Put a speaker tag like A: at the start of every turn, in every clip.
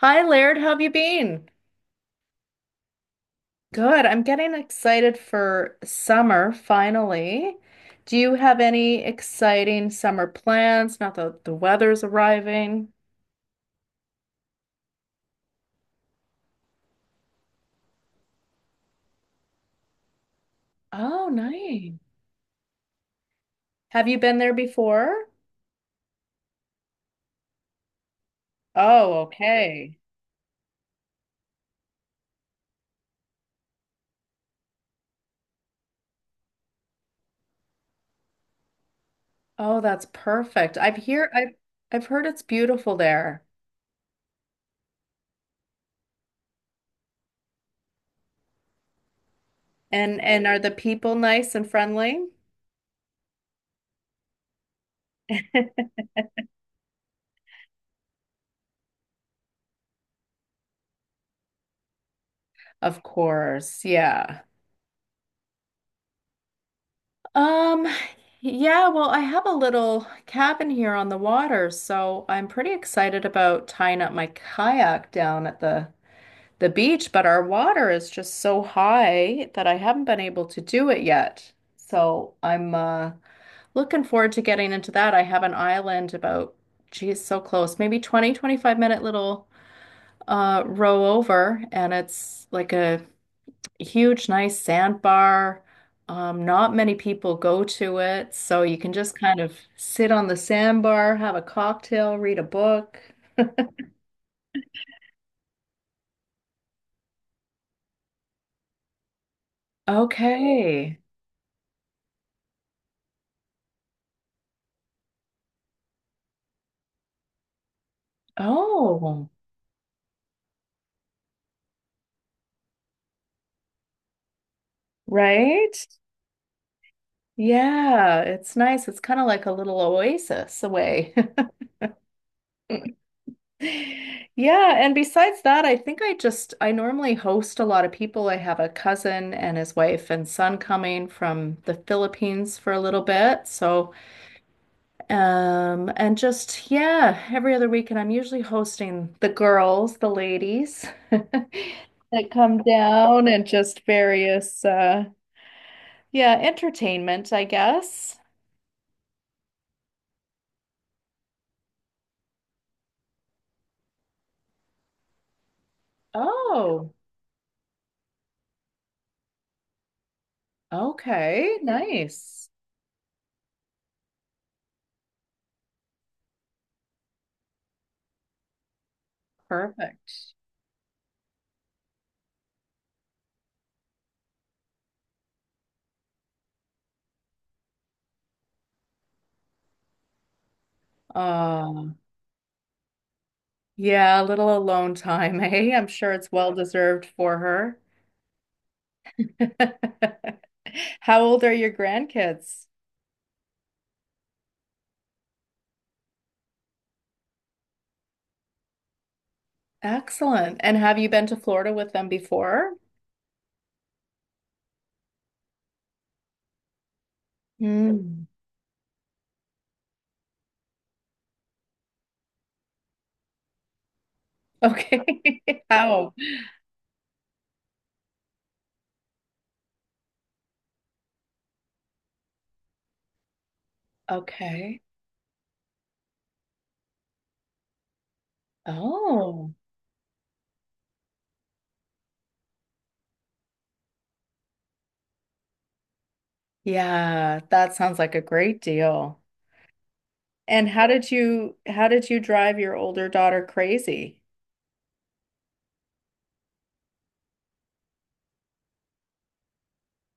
A: Hi, Laird. How have you been? Good. I'm getting excited for summer finally. Do you have any exciting summer plans? Not that the weather's arriving. Oh, nice. Have you been there before? Oh, okay. Oh, that's perfect. I've heard it's beautiful there. And are the people nice and friendly? Of course. Yeah. Um, yeah, well, I have a little cabin here on the water, so I'm pretty excited about tying up my kayak down at the beach, but our water is just so high that I haven't been able to do it yet. So I'm looking forward to getting into that. I have an island about, geez, so close, maybe 20, 25 minute little row over, and it's like a huge, nice sandbar. Not many people go to it, so you can just kind of sit on the sandbar, have a cocktail, read a book. Okay. Oh, right. Yeah, it's nice. It's kind of like a little oasis away. Yeah, and besides that, I think I just I normally host a lot of people. I have a cousin and his wife and son coming from the Philippines for a little bit, so. And just, yeah, every other weekend I'm usually hosting the girls, the ladies that come down and just various, yeah, entertainment, I guess. Oh, okay. Nice. Perfect. Um, yeah, a little alone time, eh? I'm sure it's well deserved for her. How old are your grandkids? Excellent. And have you been to Florida with them before? Hmm. Okay. How? Okay. Oh, yeah, that sounds like a great deal. And how did you drive your older daughter crazy?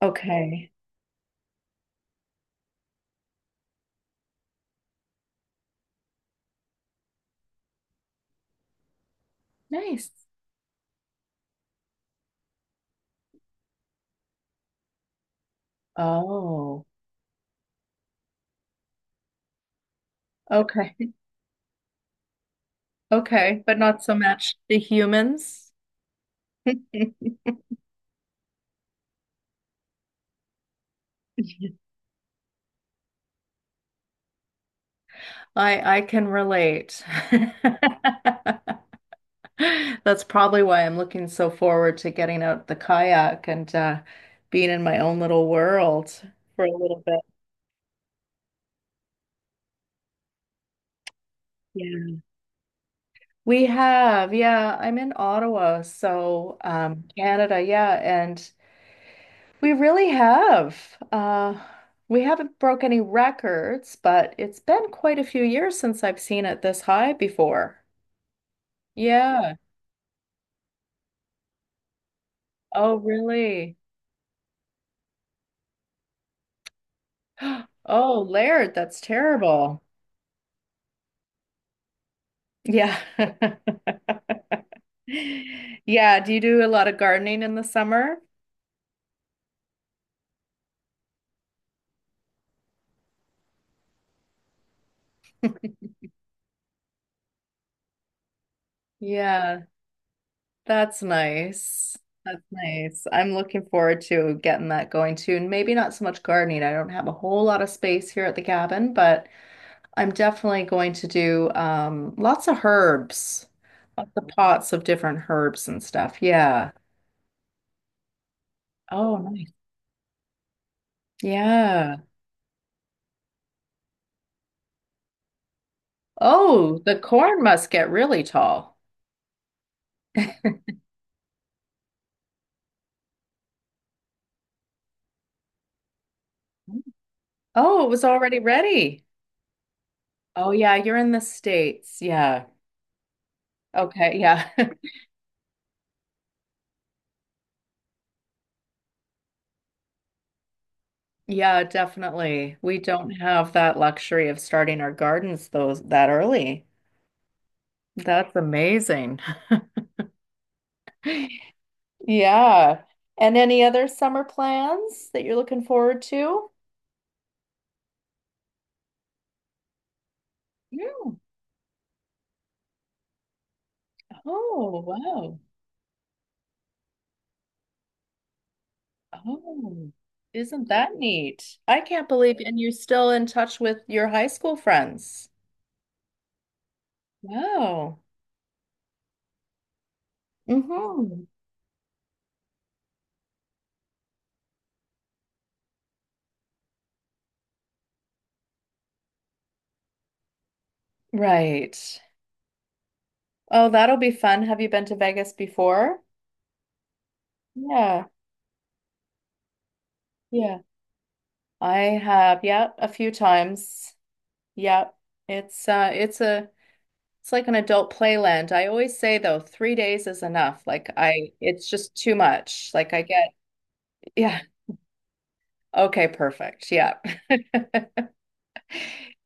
A: Okay. Nice. Oh, okay. Okay, but not so much the humans. I I can relate. That's probably why I'm looking so forward to getting out the kayak and being in my own little world for a little bit. Yeah. We have, yeah, I'm in Ottawa, so Canada, yeah, and we really have. We haven't broke any records, but it's been quite a few years since I've seen it this high before. Yeah. Oh, really? Oh, Laird, that's terrible. Yeah. Yeah. Do you do a lot of gardening in the summer? Yeah, that's nice. That's nice. I'm looking forward to getting that going too. And maybe not so much gardening. I don't have a whole lot of space here at the cabin, but I'm definitely going to do lots of herbs, lots of pots of different herbs and stuff. Yeah. Oh, nice. Yeah. Oh, the corn must get really tall. Oh, it was already ready. Oh yeah, you're in the States. Yeah. Okay, yeah. Yeah, definitely. We don't have that luxury of starting our gardens those that early. That's amazing. Yeah. And any other summer plans that you're looking forward to? Yeah. Oh, wow. Oh, isn't that neat? I can't believe, and you're still in touch with your high school friends. Wow. Mm-hmm. Right. Oh, that'll be fun. Have you been to Vegas before? Yeah, yeah. I have, yeah, a few times. Yeah. It's a it's like an adult playland. I always say though, 3 days is enough. Like I It's just too much. Like I get yeah. Okay, perfect. Yeah.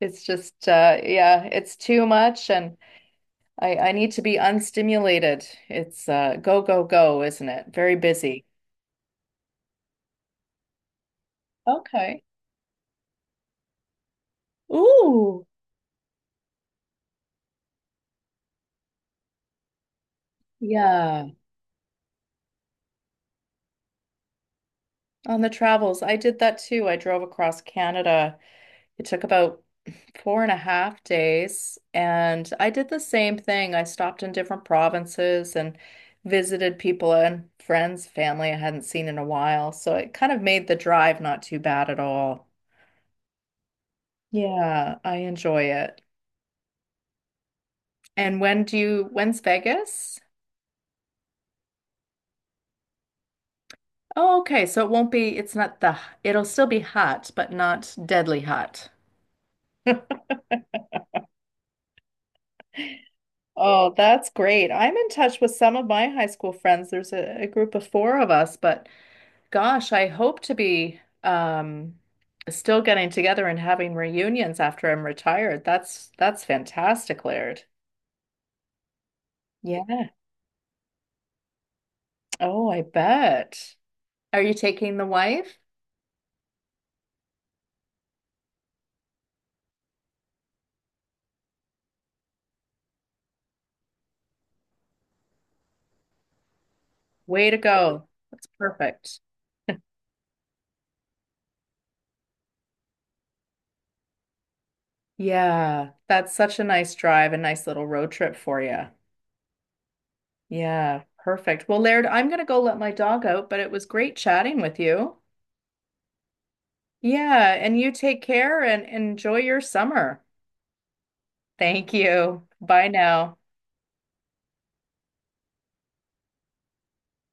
A: It's just yeah, it's too much and I need to be unstimulated. It's go go go, isn't it? Very busy. Okay. Ooh. Yeah. On the travels, I did that too. I drove across Canada. It took about four and a half days, and I did the same thing. I stopped in different provinces and visited people and friends, family I hadn't seen in a while. So it kind of made the drive not too bad at all. Yeah, I enjoy it. And when's Vegas? Oh, okay. So it won't be, it's not the, it'll still be hot, but not deadly hot. Oh, that's great. I'm in touch with some of my high school friends. There's a group of four of us, but gosh, I hope to be still getting together and having reunions after I'm retired. That's fantastic, Laird. Yeah. Oh, I bet. Are you taking the wife? Way to go. That's perfect. Yeah, that's such a nice drive, a nice little road trip for you. Yeah, perfect. Well, Laird, I'm going to go let my dog out, but it was great chatting with you. Yeah, and you take care and enjoy your summer. Thank you. Bye now.